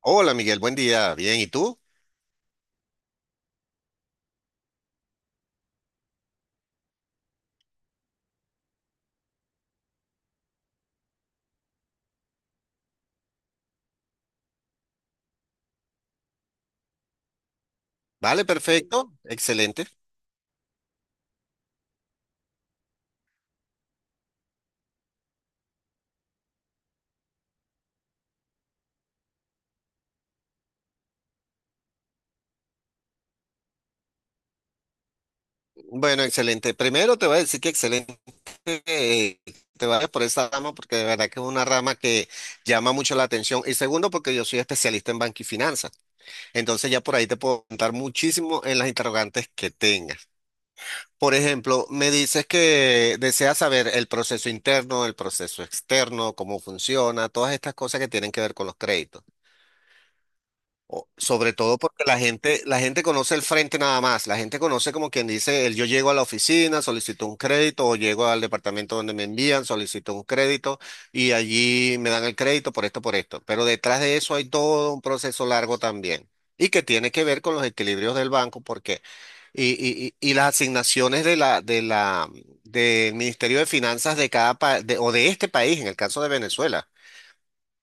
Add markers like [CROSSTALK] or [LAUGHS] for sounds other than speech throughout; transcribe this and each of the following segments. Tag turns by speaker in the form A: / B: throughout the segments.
A: Hola Miguel, buen día. Bien, ¿y tú? Vale, perfecto. Excelente. Bueno, excelente. Primero te voy a decir que excelente eh, te vayas por esa rama porque de verdad que es una rama que llama mucho la atención. Y segundo, porque yo soy especialista en banca y finanzas. Entonces ya por ahí te puedo contar muchísimo en las interrogantes que tengas. Por ejemplo, me dices que deseas saber el proceso interno, el proceso externo, cómo funciona, todas estas cosas que tienen que ver con los créditos. Sobre todo porque la gente conoce el frente nada más. La gente conoce, como quien dice, el yo llego a la oficina, solicito un crédito, o llego al departamento donde me envían, solicito un crédito, y allí me dan el crédito por esto, por esto. Pero detrás de eso hay todo un proceso largo también. Y que tiene que ver con los equilibrios del banco, porque, y las asignaciones de la del Ministerio de Finanzas de cada país, o de este país, en el caso de Venezuela.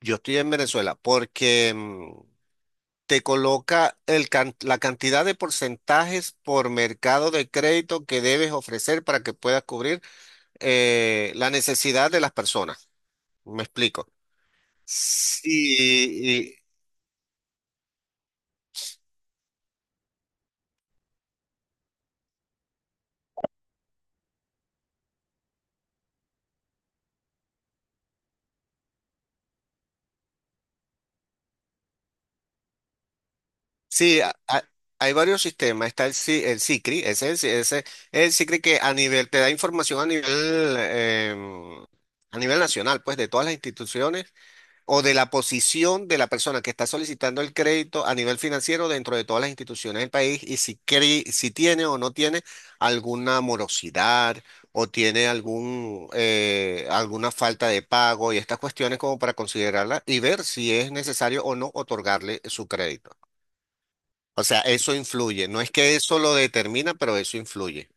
A: Yo estoy en Venezuela porque te coloca el la cantidad de porcentajes por mercado de crédito que debes ofrecer para que puedas cubrir la necesidad de las personas. Me explico. Sí, sí, a- a- hay varios sistemas. Está el, Si- el SICRI, ese es el SICRI que a nivel te da información a nivel, a nivel nacional, pues de todas las instituciones o de la posición de la persona que está solicitando el crédito a nivel financiero dentro de todas las instituciones del país y si, si tiene o no tiene alguna morosidad o tiene alguna falta de pago y estas cuestiones como para considerarla y ver si es necesario o no otorgarle su crédito. O sea, eso influye. No es que eso lo determina, pero eso influye.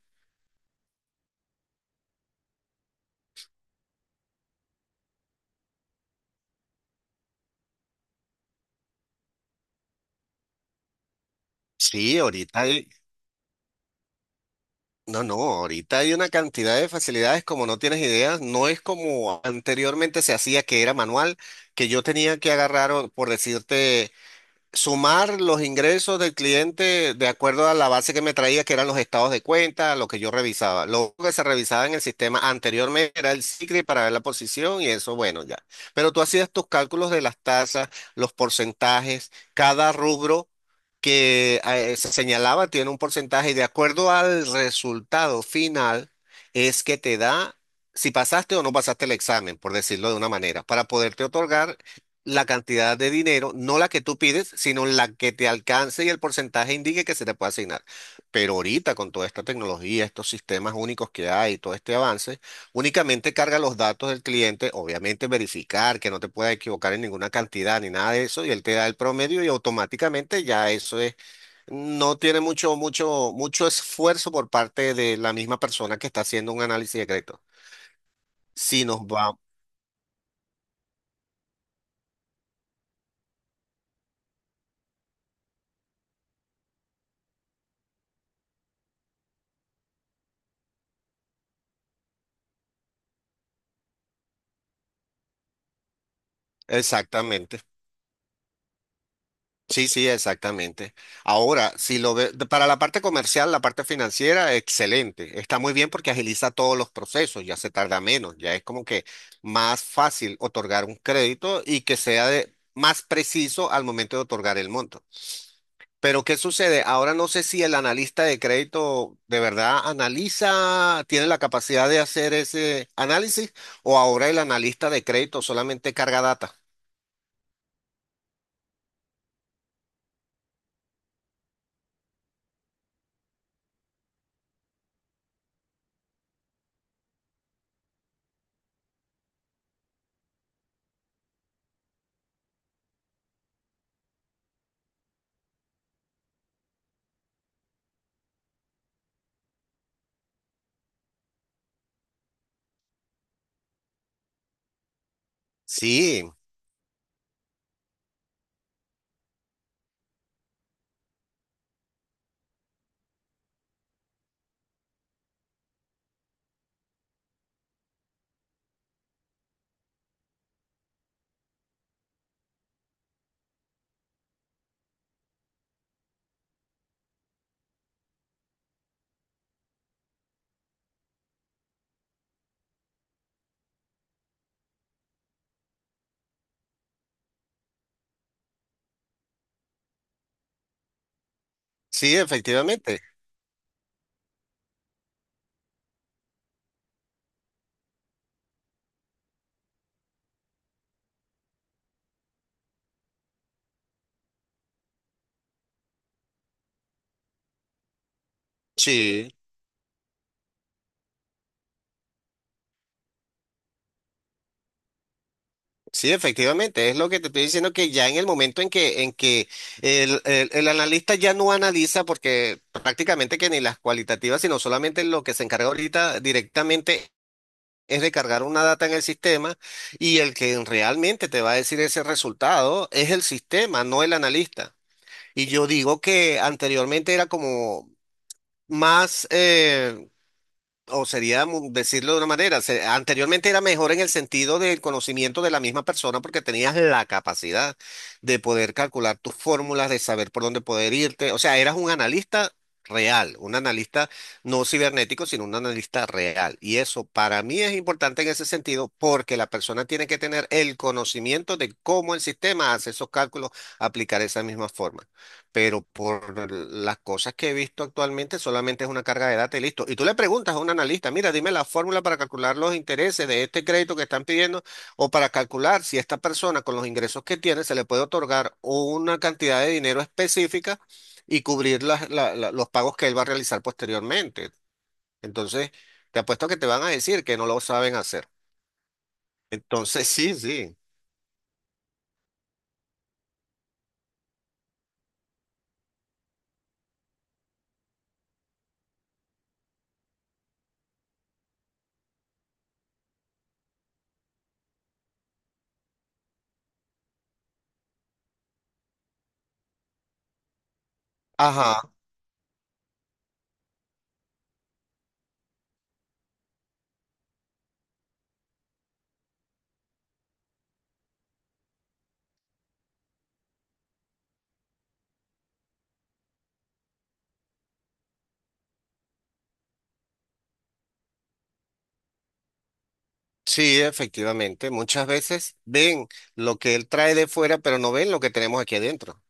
A: Sí, no, no, ahorita hay una cantidad de facilidades como no tienes ideas, no es como anteriormente se hacía, que era manual, que yo tenía que agarrar, por decirte, sumar los ingresos del cliente de acuerdo a la base que me traía, que eran los estados de cuenta, lo que yo revisaba. Lo único que se revisaba en el sistema anteriormente era el SICRI para ver la posición y eso, bueno, ya. Pero tú hacías tus cálculos de las tasas, los porcentajes, cada rubro que se señalaba, tiene un porcentaje y, de acuerdo al resultado final, es que te da... Si pasaste o no pasaste el examen, por decirlo de una manera, para poderte otorgar la cantidad de dinero, no la que tú pides, sino la que te alcance y el porcentaje indique que se te puede asignar. Pero ahorita, con toda esta tecnología, estos sistemas únicos que hay, todo este avance, únicamente carga los datos del cliente, obviamente verificar que no te puedas equivocar en ninguna cantidad ni nada de eso, y él te da el promedio y automáticamente ya eso es, no tiene mucho esfuerzo por parte de la misma persona que está haciendo un análisis de crédito. Si nos va, exactamente. Sí, sí, exactamente. Ahora, si lo ve, para la parte comercial, la parte financiera, excelente. Está muy bien porque agiliza todos los procesos, ya se tarda menos, ya es como que más fácil otorgar un crédito y que sea más preciso al momento de otorgar el monto. Pero ¿qué sucede? Ahora no sé si el analista de crédito de verdad analiza, tiene la capacidad de hacer ese análisis, o ahora el analista de crédito solamente carga data. Sí, sí, efectivamente. Sí. Sí, efectivamente, es lo que te estoy diciendo, que ya en el momento en que el analista ya no analiza, porque prácticamente que ni las cualitativas, sino solamente lo que se encarga ahorita directamente es de cargar una data en el sistema, y el que realmente te va a decir ese resultado es el sistema, no el analista. Y yo digo que anteriormente era como más, o sería decirlo de una manera, anteriormente era mejor en el sentido del conocimiento de la misma persona, porque tenías la capacidad de poder calcular tus fórmulas, de saber por dónde poder irte. O sea, eras un analista real, un analista no cibernético, sino un analista real. Y eso para mí es importante en ese sentido, porque la persona tiene que tener el conocimiento de cómo el sistema hace esos cálculos, aplicar esa misma forma, pero por las cosas que he visto actualmente, solamente es una carga de data y listo. Y tú le preguntas a un analista, mira, dime la fórmula para calcular los intereses de este crédito que están pidiendo, o para calcular si esta persona, con los ingresos que tiene, se le puede otorgar una cantidad de dinero específica y cubrir los pagos que él va a realizar posteriormente. Entonces, te apuesto que te van a decir que no lo saben hacer. Entonces, [LAUGHS] sí, sí. Ajá. Sí, efectivamente. Muchas veces ven lo que él trae de fuera, pero no ven lo que tenemos aquí adentro.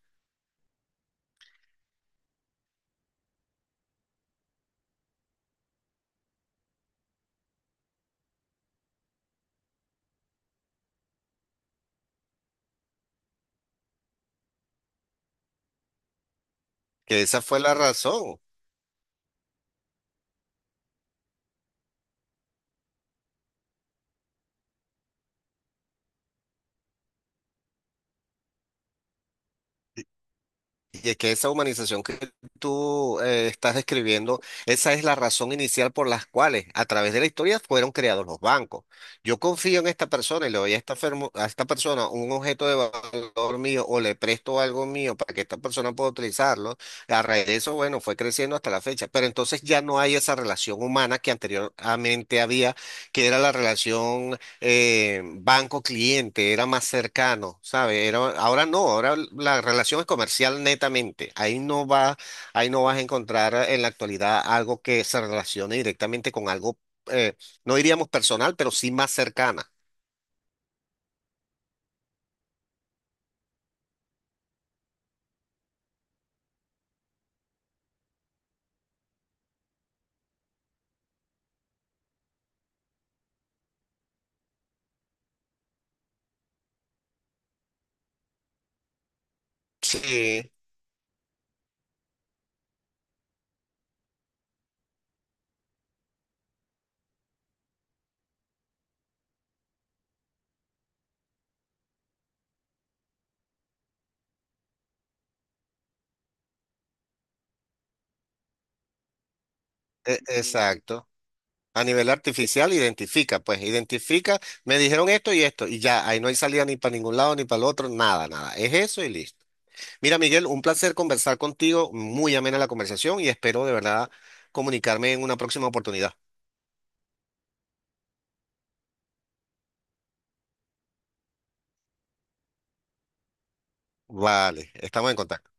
A: Que esa fue la razón. Y es que esa humanización que tú estás describiendo, esa es la razón inicial por las cuales a través de la historia fueron creados los bancos. Yo confío en esta persona y le doy a esta, a esta persona un objeto de valor mío, o le presto algo mío para que esta persona pueda utilizarlo. A raíz de eso, bueno, fue creciendo hasta la fecha. Pero entonces ya no hay esa relación humana que anteriormente había, que era la relación banco cliente, era más cercano, ¿sabes? Era, ahora no, ahora la relación es comercial netamente. Ahí no vas a encontrar en la actualidad algo que se relacione directamente con algo, eh, no diríamos personal, pero sí más cercana. Sí, exacto. A nivel artificial identifica, pues identifica, me dijeron esto y esto, y ya, ahí no hay salida ni para ningún lado ni para el otro, nada, nada. Es eso y listo. Mira, Miguel, un placer conversar contigo, muy amena la conversación, y espero de verdad comunicarme en una próxima oportunidad. Vale, estamos en contacto.